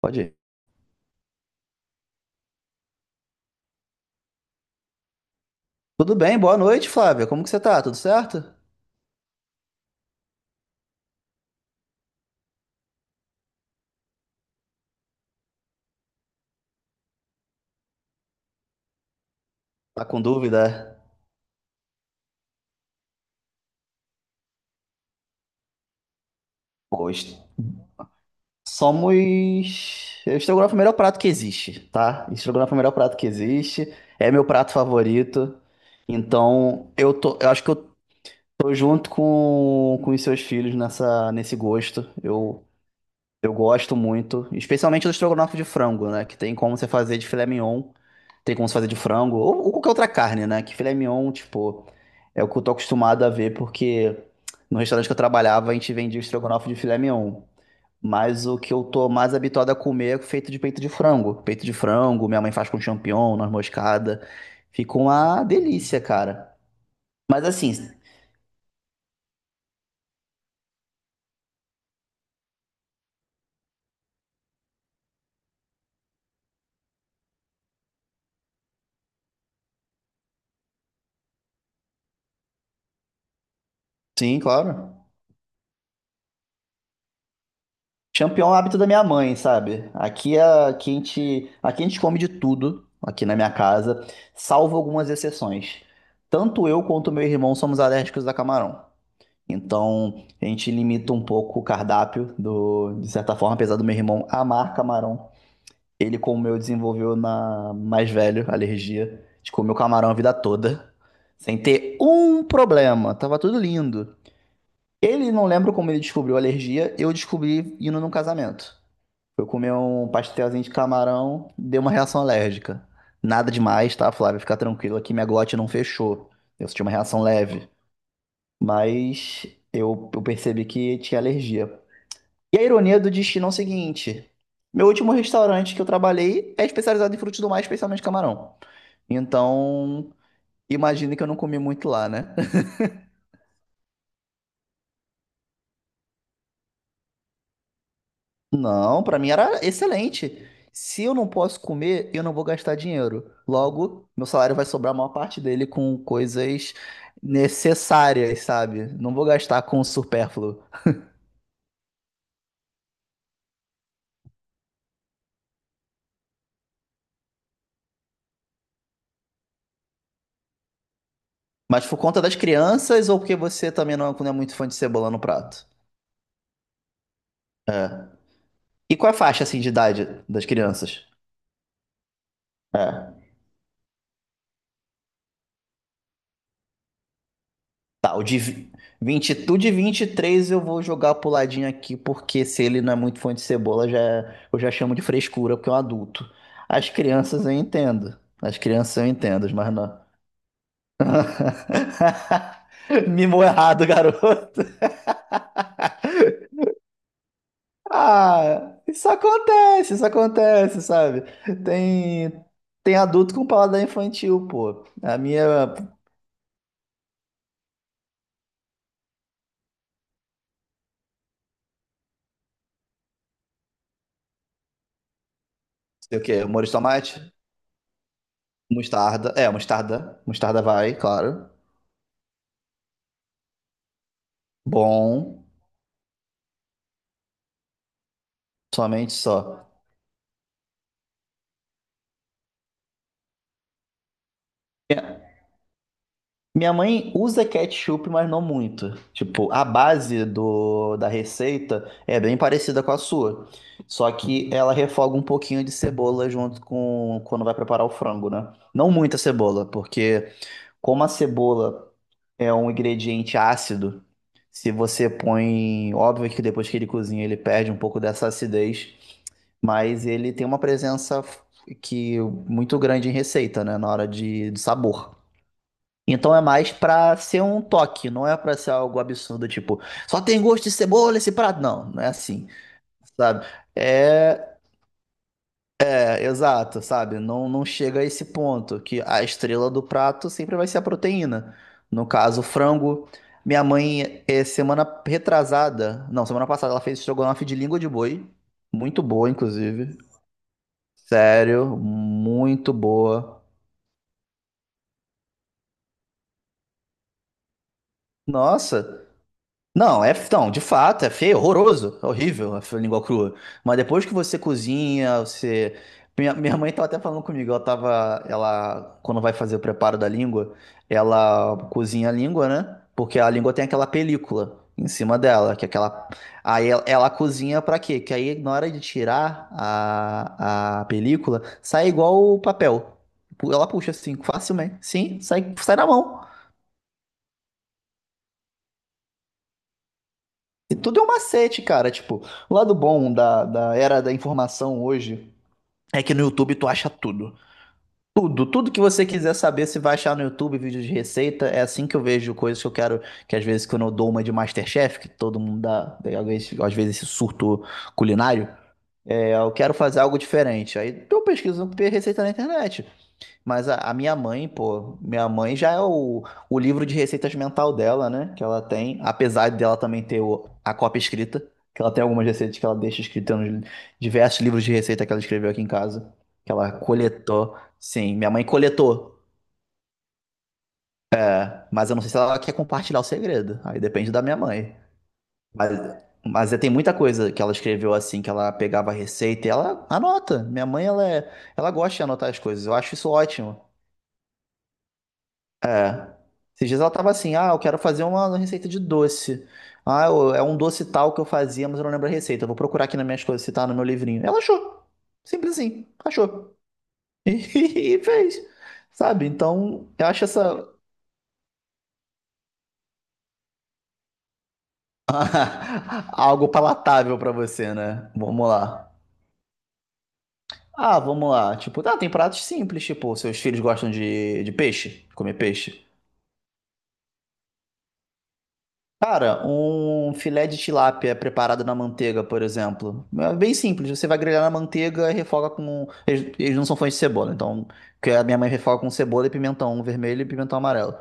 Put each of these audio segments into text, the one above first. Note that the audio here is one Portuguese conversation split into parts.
Pode ir. Tudo bem, boa noite, Flávia. Como que você tá? Tudo certo? Tá com dúvida? Pois. Somos. O Estrogonofe é o melhor prato que existe, tá? Estrogonofe é o melhor prato que existe. É meu prato favorito. Então, eu tô. Eu acho que eu tô junto com os seus filhos nessa, nesse gosto. Eu gosto muito. Especialmente do estrogonofe de frango, né? Que tem como você fazer de filé mignon. Tem como se fazer de frango, ou qualquer outra carne, né? Que filé mignon, tipo, é o que eu tô acostumado a ver, porque no restaurante que eu trabalhava, a gente vendia o estrogonofe de filé mignon. Mas o que eu tô mais habituado a comer é feito de peito de frango. Peito de frango, minha mãe faz com champignon, noz moscada. Fica uma delícia, cara. Mas assim, sim, claro. Champion é um hábito da minha mãe, sabe? Aqui a gente come de tudo, aqui na minha casa, salvo algumas exceções. Tanto eu quanto meu irmão somos alérgicos a camarão. Então, a gente limita um pouco o cardápio, de certa forma, apesar do meu irmão amar camarão. Ele, como eu, desenvolveu na mais velho alergia. A gente comeu camarão a vida toda, sem ter um problema. Tava tudo lindo. Ele não lembra como ele descobriu a alergia, eu descobri indo num casamento. Eu comi um pastelzinho de camarão, deu uma reação alérgica. Nada demais, tá, Flávia? Fica tranquila que minha glote não fechou. Eu senti uma reação leve. Mas eu percebi que tinha alergia. E a ironia do destino é o seguinte: meu último restaurante que eu trabalhei é especializado em frutos do mar, especialmente camarão. Então, imagina que eu não comi muito lá, né? Não, pra mim era excelente. Se eu não posso comer, eu não vou gastar dinheiro. Logo, meu salário vai sobrar a maior parte dele com coisas necessárias, sabe? Não vou gastar com o supérfluo. Mas por conta das crianças ou porque você também não é muito fã de cebola no prato? É. E qual é a faixa assim de idade das crianças? É. Tá, 20, tu de 23 eu vou jogar pro ladinho aqui, porque se ele não é muito fã de cebola, já, eu já chamo de frescura, porque é um adulto. As crianças eu entendo. As crianças eu entendo, mas não. Mimou errado, garoto. Ah, isso acontece, sabe? Tem, tem adulto com paladar infantil, pô. A minha, sei o quê, molho de tomate? Mostarda. É, mostarda. Mostarda vai, claro. Bom. Somente só. Minha- Minha mãe usa ketchup, mas não muito. Tipo, a base da receita é bem parecida com a sua. Só que ela refoga um pouquinho de cebola junto com quando vai preparar o frango, né? Não muita cebola, porque como a cebola é um ingrediente ácido, se você põe, óbvio que depois que ele cozinha, ele perde um pouco dessa acidez, mas ele tem uma presença que muito grande em receita, né? Na hora de sabor. Então é mais pra ser um toque, não é pra ser algo absurdo, tipo, só tem gosto de cebola esse prato. Não, não é assim, sabe? É, é, exato, sabe? Não, não chega a esse ponto, que a estrela do prato sempre vai ser a proteína. No caso, o frango. Minha mãe, semana retrasada, não, semana passada, ela fez estrogonofe de língua de boi. Muito boa, inclusive. Sério, muito boa. Nossa. Não, não, de fato, é feio, horroroso, é horrível a língua crua. Mas depois que você cozinha, você. Minha mãe tava até falando comigo, ela tava. Ela, quando vai fazer o preparo da língua, ela cozinha a língua, né? Porque a língua tem aquela película em cima dela, que é aquela. Aí ela cozinha pra quê? Que aí na hora de tirar a película, sai igual o papel. Ela puxa assim, facilmente. Sim, sai na mão. E tudo é um macete, cara. Tipo, o lado bom da era da informação hoje é que no YouTube tu acha tudo. Tudo, tudo que você quiser saber, você vai achar no YouTube, vídeo de receita. É assim que eu vejo coisas que eu quero, que às vezes quando eu dou uma de Masterchef, que todo mundo dá, às vezes esse surto culinário, eu quero fazer algo diferente. Aí eu pesquiso receita na internet. Mas a minha mãe, pô, minha mãe já é o livro de receitas mental dela, né? Que ela tem, apesar dela também ter a cópia escrita, que ela tem algumas receitas que ela deixa escrita nos diversos livros de receita que ela escreveu aqui em casa, que ela coletou. Sim, minha mãe coletou, mas eu não sei se ela quer compartilhar o segredo. Aí depende da minha mãe. Mas, mas tem muita coisa que ela escreveu assim, que ela pegava a receita e ela anota. Minha mãe, ela gosta de anotar as coisas. Eu acho isso ótimo. É. Esses dias ela tava assim, ah, eu quero fazer uma receita de doce. Ah, é um doce tal que eu fazia, mas eu não lembro a receita. Eu vou procurar aqui nas minhas coisas se tá no meu livrinho. Ela achou. Simples assim, achou. E, fez. Sabe? Então, eu acho essa algo palatável pra você, né? Vamos lá. Ah, vamos lá. Tipo, ah, tem pratos simples, tipo, seus filhos gostam de peixe, comer peixe. Cara, um filé de tilápia preparado na manteiga, por exemplo. É bem simples. Você vai grelhar na manteiga e refoga com. Eles não são fãs de cebola, então. Porque a minha mãe refoga com cebola e pimentão vermelho e pimentão amarelo.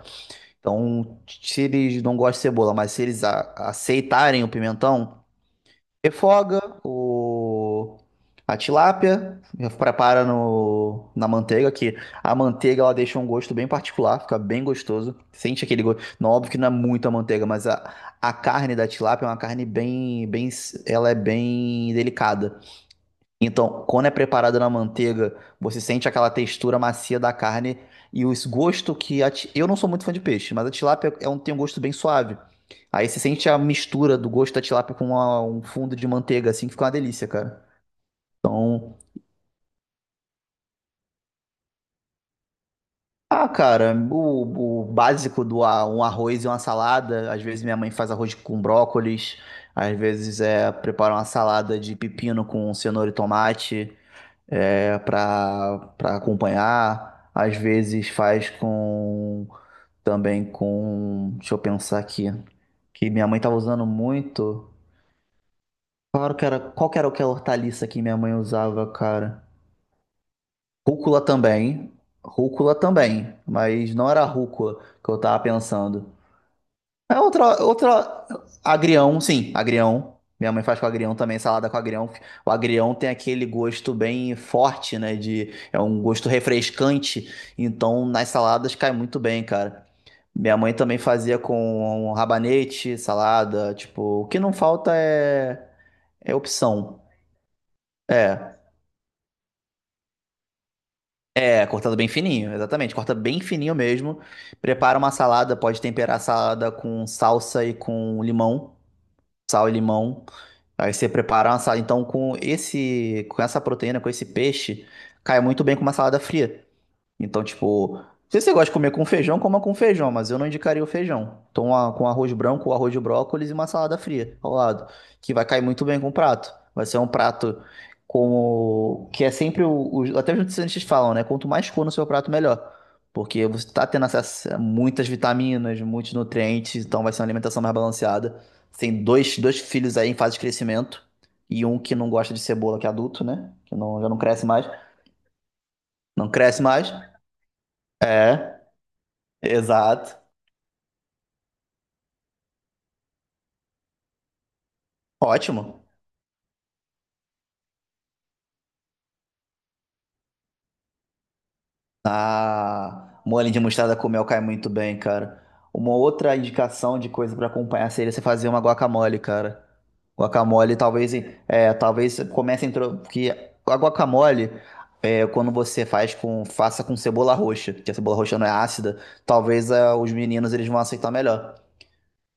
Então, se eles não gostam de cebola, mas se eles aceitarem o pimentão, refoga a tilápia, prepara no, na manteiga, que a manteiga ela deixa um gosto bem particular, fica bem gostoso. Sente aquele gosto. Não, óbvio que não é muita manteiga, mas a carne da tilápia é uma carne bem, bem, ela é bem delicada. Então, quando é preparado na manteiga, você sente aquela textura macia da carne e o gosto que eu não sou muito fã de peixe, mas a tilápia é um, tem um gosto bem suave. Aí você sente a mistura do gosto da tilápia com um fundo de manteiga, assim, que fica uma delícia, cara. Então, ah, cara, o básico do um arroz e uma salada. Às vezes minha mãe faz arroz com brócolis, às vezes prepara uma salada de pepino com cenoura e tomate. Para acompanhar. Às vezes faz com também com, deixa eu pensar aqui, que minha mãe tava usando muito. Claro que era, qual que era aquela hortaliça que minha mãe usava, cara? Rúcula também. Rúcula também, mas não era rúcula que eu tava pensando. É outra, outra. Agrião, sim, agrião. Minha mãe faz com agrião também, salada com agrião. O agrião tem aquele gosto bem forte, né? É um gosto refrescante. Então, nas saladas cai muito bem, cara. Minha mãe também fazia com rabanete, salada. Tipo, o que não falta é opção. É. É, cortado bem fininho, exatamente. Corta bem fininho mesmo. Prepara uma salada, pode temperar a salada com salsa e com limão, sal e limão. Aí você preparar uma salada, então, com essa proteína, com esse peixe, cai muito bem com uma salada fria. Então, tipo, se você gosta de comer com feijão, coma com feijão, mas eu não indicaria o feijão. Então, com arroz branco, arroz de brócolis e uma salada fria ao lado, que vai cair muito bem com o prato. Vai ser um prato que é sempre até os nutricionistas falam, né? Quanto mais cor no seu prato, melhor. Porque você tá tendo acesso a muitas vitaminas, muitos nutrientes, então vai ser uma alimentação mais balanceada. Tem dois filhos aí em fase de crescimento e um que não gosta de cebola, que é adulto, né? Que não, já não cresce mais. Não cresce mais. É. Exato. Ótimo. Ah, molho de mostarda com mel cai muito bem, cara. Uma outra indicação de coisa pra acompanhar seria você fazer uma guacamole, cara. Guacamole, talvez, talvez comece a intro... porque a guacamole, quando você faz faça com cebola roxa, que a cebola roxa não é ácida, talvez os meninos eles vão aceitar melhor.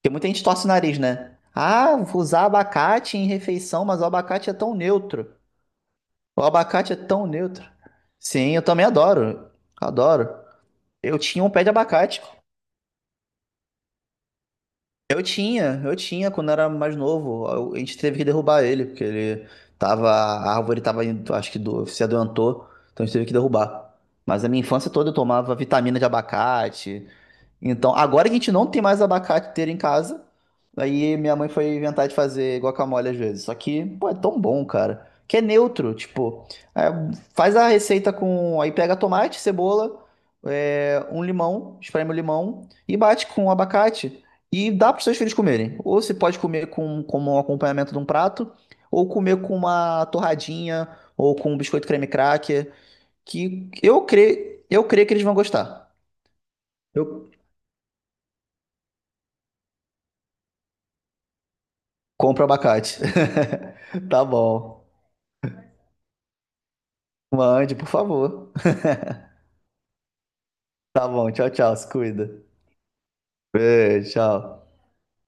Porque muita gente torce o nariz, né? Ah, vou usar abacate em refeição, mas o abacate é tão neutro. O abacate é tão neutro. Sim, eu também adoro. Adoro. Eu tinha um pé de abacate. Eu tinha quando era mais novo. A gente teve que derrubar ele, porque ele tava. A árvore tava indo, acho que se adoentou, então a gente teve que derrubar. Mas a minha infância toda eu tomava vitamina de abacate. Então, agora que a gente não tem mais abacate inteiro em casa, aí minha mãe foi inventar de fazer guacamole às vezes. Só que, pô, é tão bom, cara. Que é neutro, tipo, é, faz a receita com. Aí pega tomate, cebola, um limão, espreme o limão e bate com o abacate e dá para os seus filhos comerem. Ou você pode comer como um acompanhamento de um prato, ou comer com uma torradinha, ou com um biscoito creme cracker, que eu creio que eles vão gostar. Eu Compra abacate. Tá bom. Mande, por favor. Tá bom. Tchau, tchau. Se cuida. Beijo, tchau.